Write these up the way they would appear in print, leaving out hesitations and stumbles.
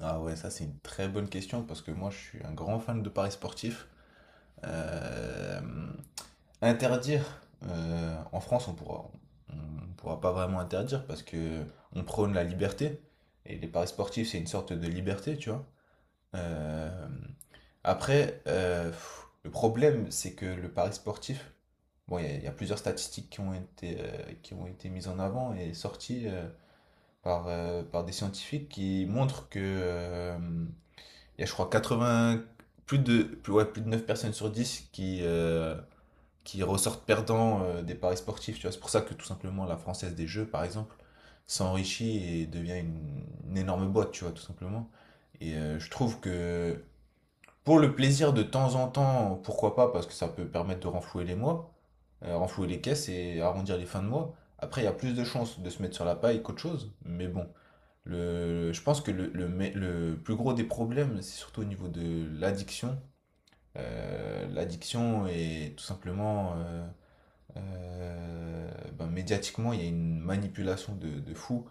Ah ouais, ça c'est une très bonne question parce que moi je suis un grand fan de paris sportifs. Euh, interdire, en France on pourra pas vraiment interdire parce que on prône la liberté et les paris sportifs c'est une sorte de liberté, tu vois. Euh, après, le problème c'est que le pari sportif, bon il y a plusieurs statistiques qui ont été mises en avant et sorties par, par des scientifiques qui montrent que il y a, je crois, 80, ouais, plus de 9 personnes sur 10 qui ressortent perdants des paris sportifs. Tu vois, c'est pour ça que tout simplement la Française des Jeux, par exemple, s'enrichit et devient une énorme boîte, tu vois, tout simplement. Et je trouve que pour le plaisir de temps en temps, pourquoi pas, parce que ça peut permettre de renflouer les mois, renflouer les caisses et arrondir les fins de mois. Après, il y a plus de chances de se mettre sur la paille qu'autre chose, mais bon. Je pense que le plus gros des problèmes, c'est surtout au niveau de l'addiction. L'addiction est tout simplement, euh, ben, médiatiquement, il y a une manipulation de fou.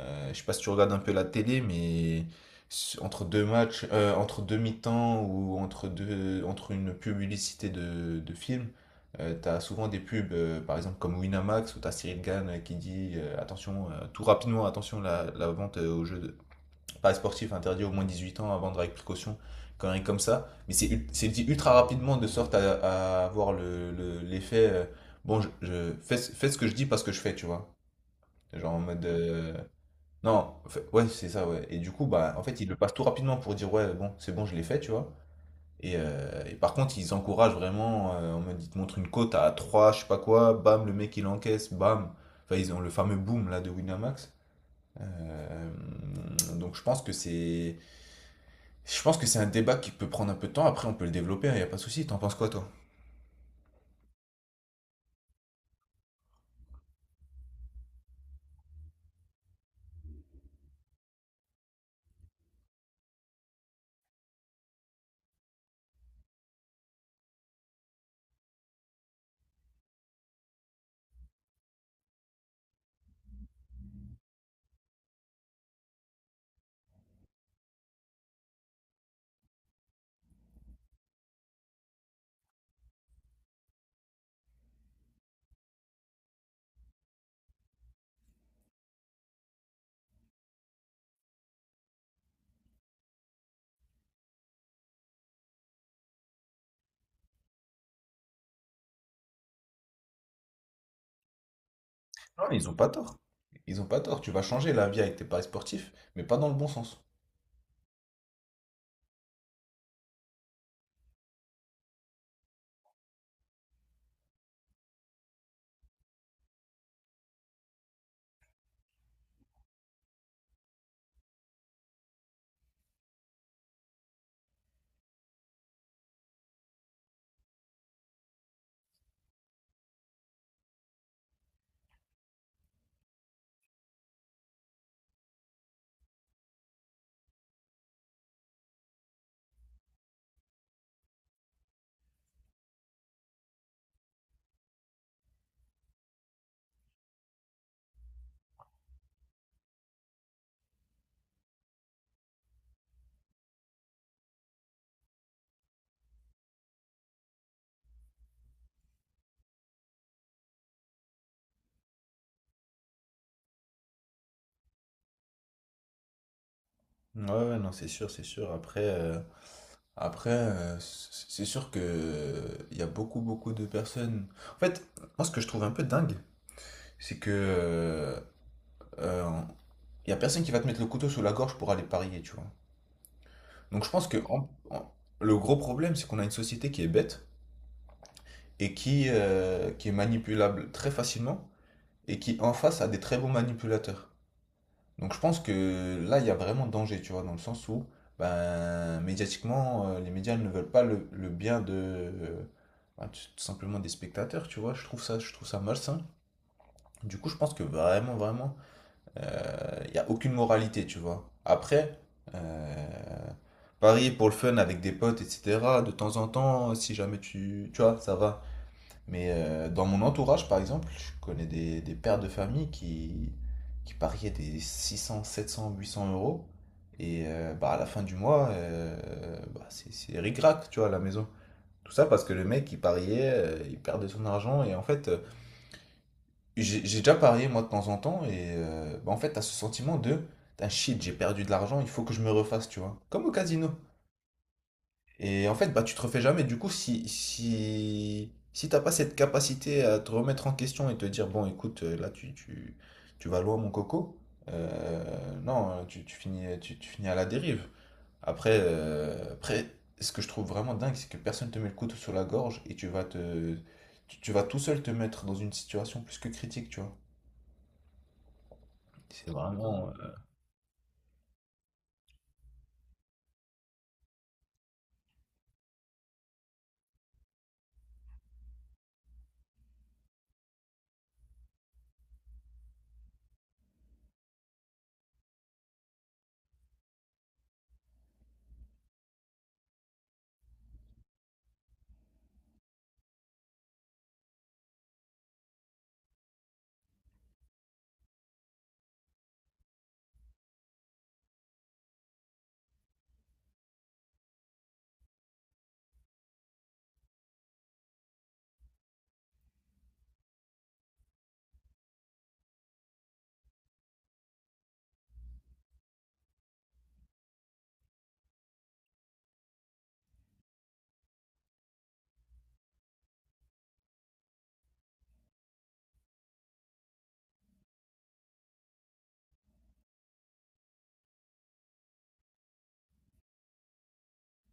Je sais pas si tu regardes un peu la télé, mais entre deux matchs, entre deux mi-temps ou entre une publicité de film, t'as souvent des pubs, par exemple comme Winamax, où t'as Cyril Gann qui dit attention, tout rapidement, attention, la vente au jeu de Paris sportif interdit au moins 18 ans à vendre avec précaution, quand même comme ça. Mais c'est dit ultra rapidement de sorte à avoir l'effet. Fais, fais ce que je dis parce que je fais, tu vois. Genre en mode. Non, ouais, c'est ça, ouais. Et du coup, bah, en fait, ils le passent tout rapidement pour dire, ouais, bon, c'est bon, je l'ai fait, tu vois. Et par contre, ils encouragent vraiment. En mode, ils te montrent une cote à 3 je sais pas quoi, bam, le mec il encaisse, bam. Enfin, ils ont le fameux boom là de Winamax. Euh, donc je pense que c'est je pense que c'est un débat qui peut prendre un peu de temps. Après, on peut le développer, il n'y a pas de souci. T'en penses quoi, toi? Non, ils ont pas tort. Ils ont pas tort. Tu vas changer la vie avec tes paris sportifs, mais pas dans le bon sens. Ouais, ouais, non, c'est sûr, c'est sûr. Après, c'est sûr que il y a beaucoup, beaucoup de personnes. En fait, moi, ce que je trouve un peu dingue, c'est que euh, y a personne qui va te mettre le couteau sous la gorge pour aller parier, tu vois. Donc, je pense que le gros problème, c'est qu'on a une société qui est bête et qui est manipulable très facilement et qui en face a des très bons manipulateurs. Donc je pense que là, il y a vraiment danger, tu vois, dans le sens où, ben, médiatiquement, les médias ne veulent pas le bien de, ben, tout tout simplement des spectateurs, tu vois. Je trouve ça malsain. Du coup, je pense que vraiment, vraiment, il n'y a aucune moralité, tu vois. Après, euh, parier pour le fun avec des potes, etc., de temps en temps, si jamais tu, tu vois, ça va. Mais dans mon entourage, par exemple, je connais des pères de famille qui pariaient des 600, 700, 800 euros. Et bah, à la fin du mois, bah, c'est ric-rac, tu vois, à la maison. Tout ça parce que le mec, il pariait, il perdait son argent. Et en fait, j'ai déjà parié, moi, de temps en temps. Et bah, en fait, t'as ce sentiment de, putain, shit, j'ai perdu de l'argent, il faut que je me refasse, tu vois. Comme au casino. Et en fait, bah, tu te refais jamais. Du coup, si t'as pas cette capacité à te remettre en question et te dire, bon, écoute, là, tu vas loin, mon coco, non, tu finis à la dérive. Après, ce que je trouve vraiment dingue, c'est que personne te met le couteau sur la gorge et tu vas tout seul te mettre dans une situation plus que critique, tu vois. C'est vraiment.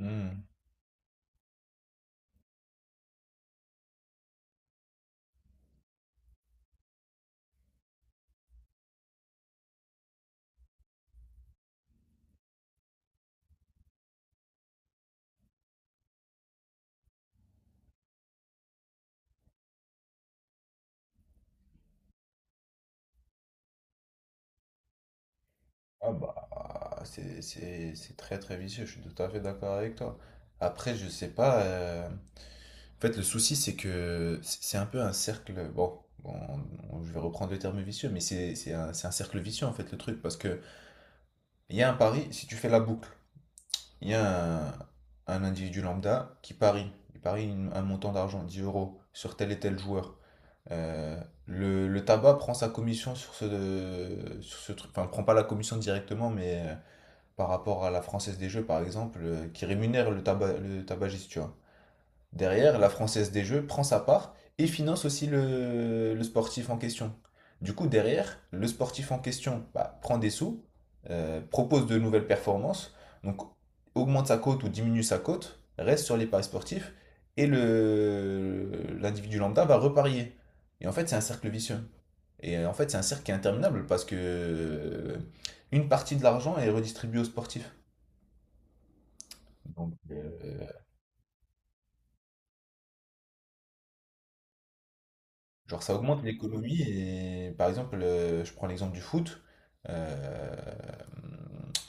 euh, Ah bah c'est très très vicieux, je suis tout à fait d'accord avec toi. Après, je sais pas. En fait, le souci, c'est que c'est un peu un cercle. Bon, bon, je vais reprendre le terme vicieux, mais c'est un cercle vicieux en fait le truc. Parce que il y a un pari, si tu fais la boucle, il y a un individu lambda qui parie. Il parie un montant d'argent, 10 euros, sur tel et tel joueur. Euh, le tabac prend sa commission sur sur ce truc. Enfin, prend pas la commission directement, mais. Par rapport à la Française des Jeux, par exemple, qui rémunère le tabagiste, tu vois. Derrière, la Française des Jeux prend sa part et finance aussi le sportif en question. Du coup, derrière, le sportif en question bah, prend des sous, propose de nouvelles performances, donc augmente sa cote ou diminue sa cote, reste sur les paris sportifs, et le l'individu lambda va reparier. Et en fait, c'est un cercle vicieux. Et en fait, c'est un cercle qui est interminable parce que une partie de l'argent est redistribuée aux sportifs. Donc, genre, ça augmente l'économie. Et par exemple, je prends l'exemple du foot. euh,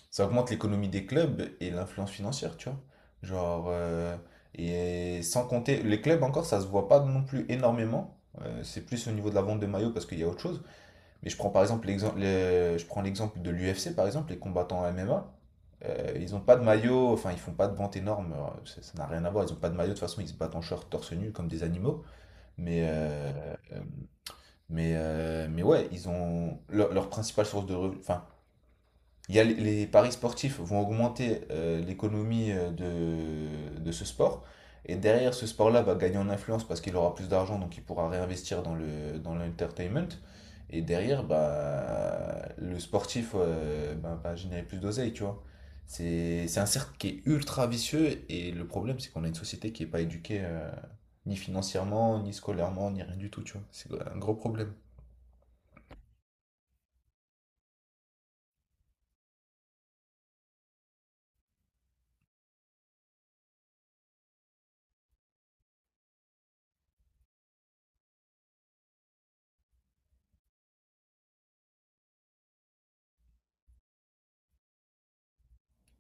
Ça augmente l'économie des clubs et l'influence financière, tu vois. Genre, et sans compter, les clubs encore, ça se voit pas non plus énormément. C'est plus au niveau de la vente de maillots parce qu'il y a autre chose. Mais je prends par exemple l'exemple, je prends l'exemple de l'UFC, par exemple, les combattants MMA. Ils ont pas de maillot, enfin ils font pas de vente énorme, ça n'a rien à voir, ils ont pas de maillot, de toute façon ils se battent en short torse nu comme des animaux. Mais, euh, euh, mais ouais, ils ont leur principale source de revenus. Enfin, il y a les paris sportifs vont augmenter l'économie de ce sport. Et derrière, ce sport-là va gagner en influence parce qu'il aura plus d'argent, donc il pourra réinvestir dans l'entertainment. Et derrière, bah, le sportif bah, va générer plus d'oseille, tu vois. C'est un cercle qui est ultra vicieux et le problème, c'est qu'on a une société qui n'est pas éduquée ni financièrement, ni scolairement, ni rien du tout, tu vois. C'est un gros problème.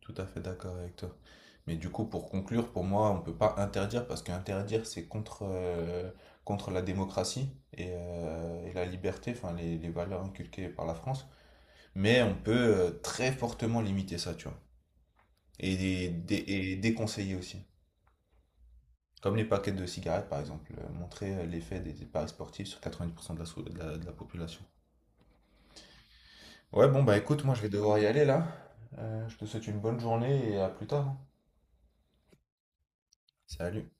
Tout à fait d'accord avec toi. Mais du coup, pour conclure, pour moi, on ne peut pas interdire parce qu'interdire, c'est contre, contre la démocratie et la liberté, enfin les valeurs inculquées par la France. Mais on peut très fortement limiter ça, tu vois. Et, et déconseiller aussi. Comme les paquets de cigarettes, par exemple. Montrer l'effet des paris sportifs sur 90% de de de la population. Ouais, bon, bah écoute, moi je vais devoir y aller là. Je te souhaite une bonne journée et à plus tard. Hein. Salut.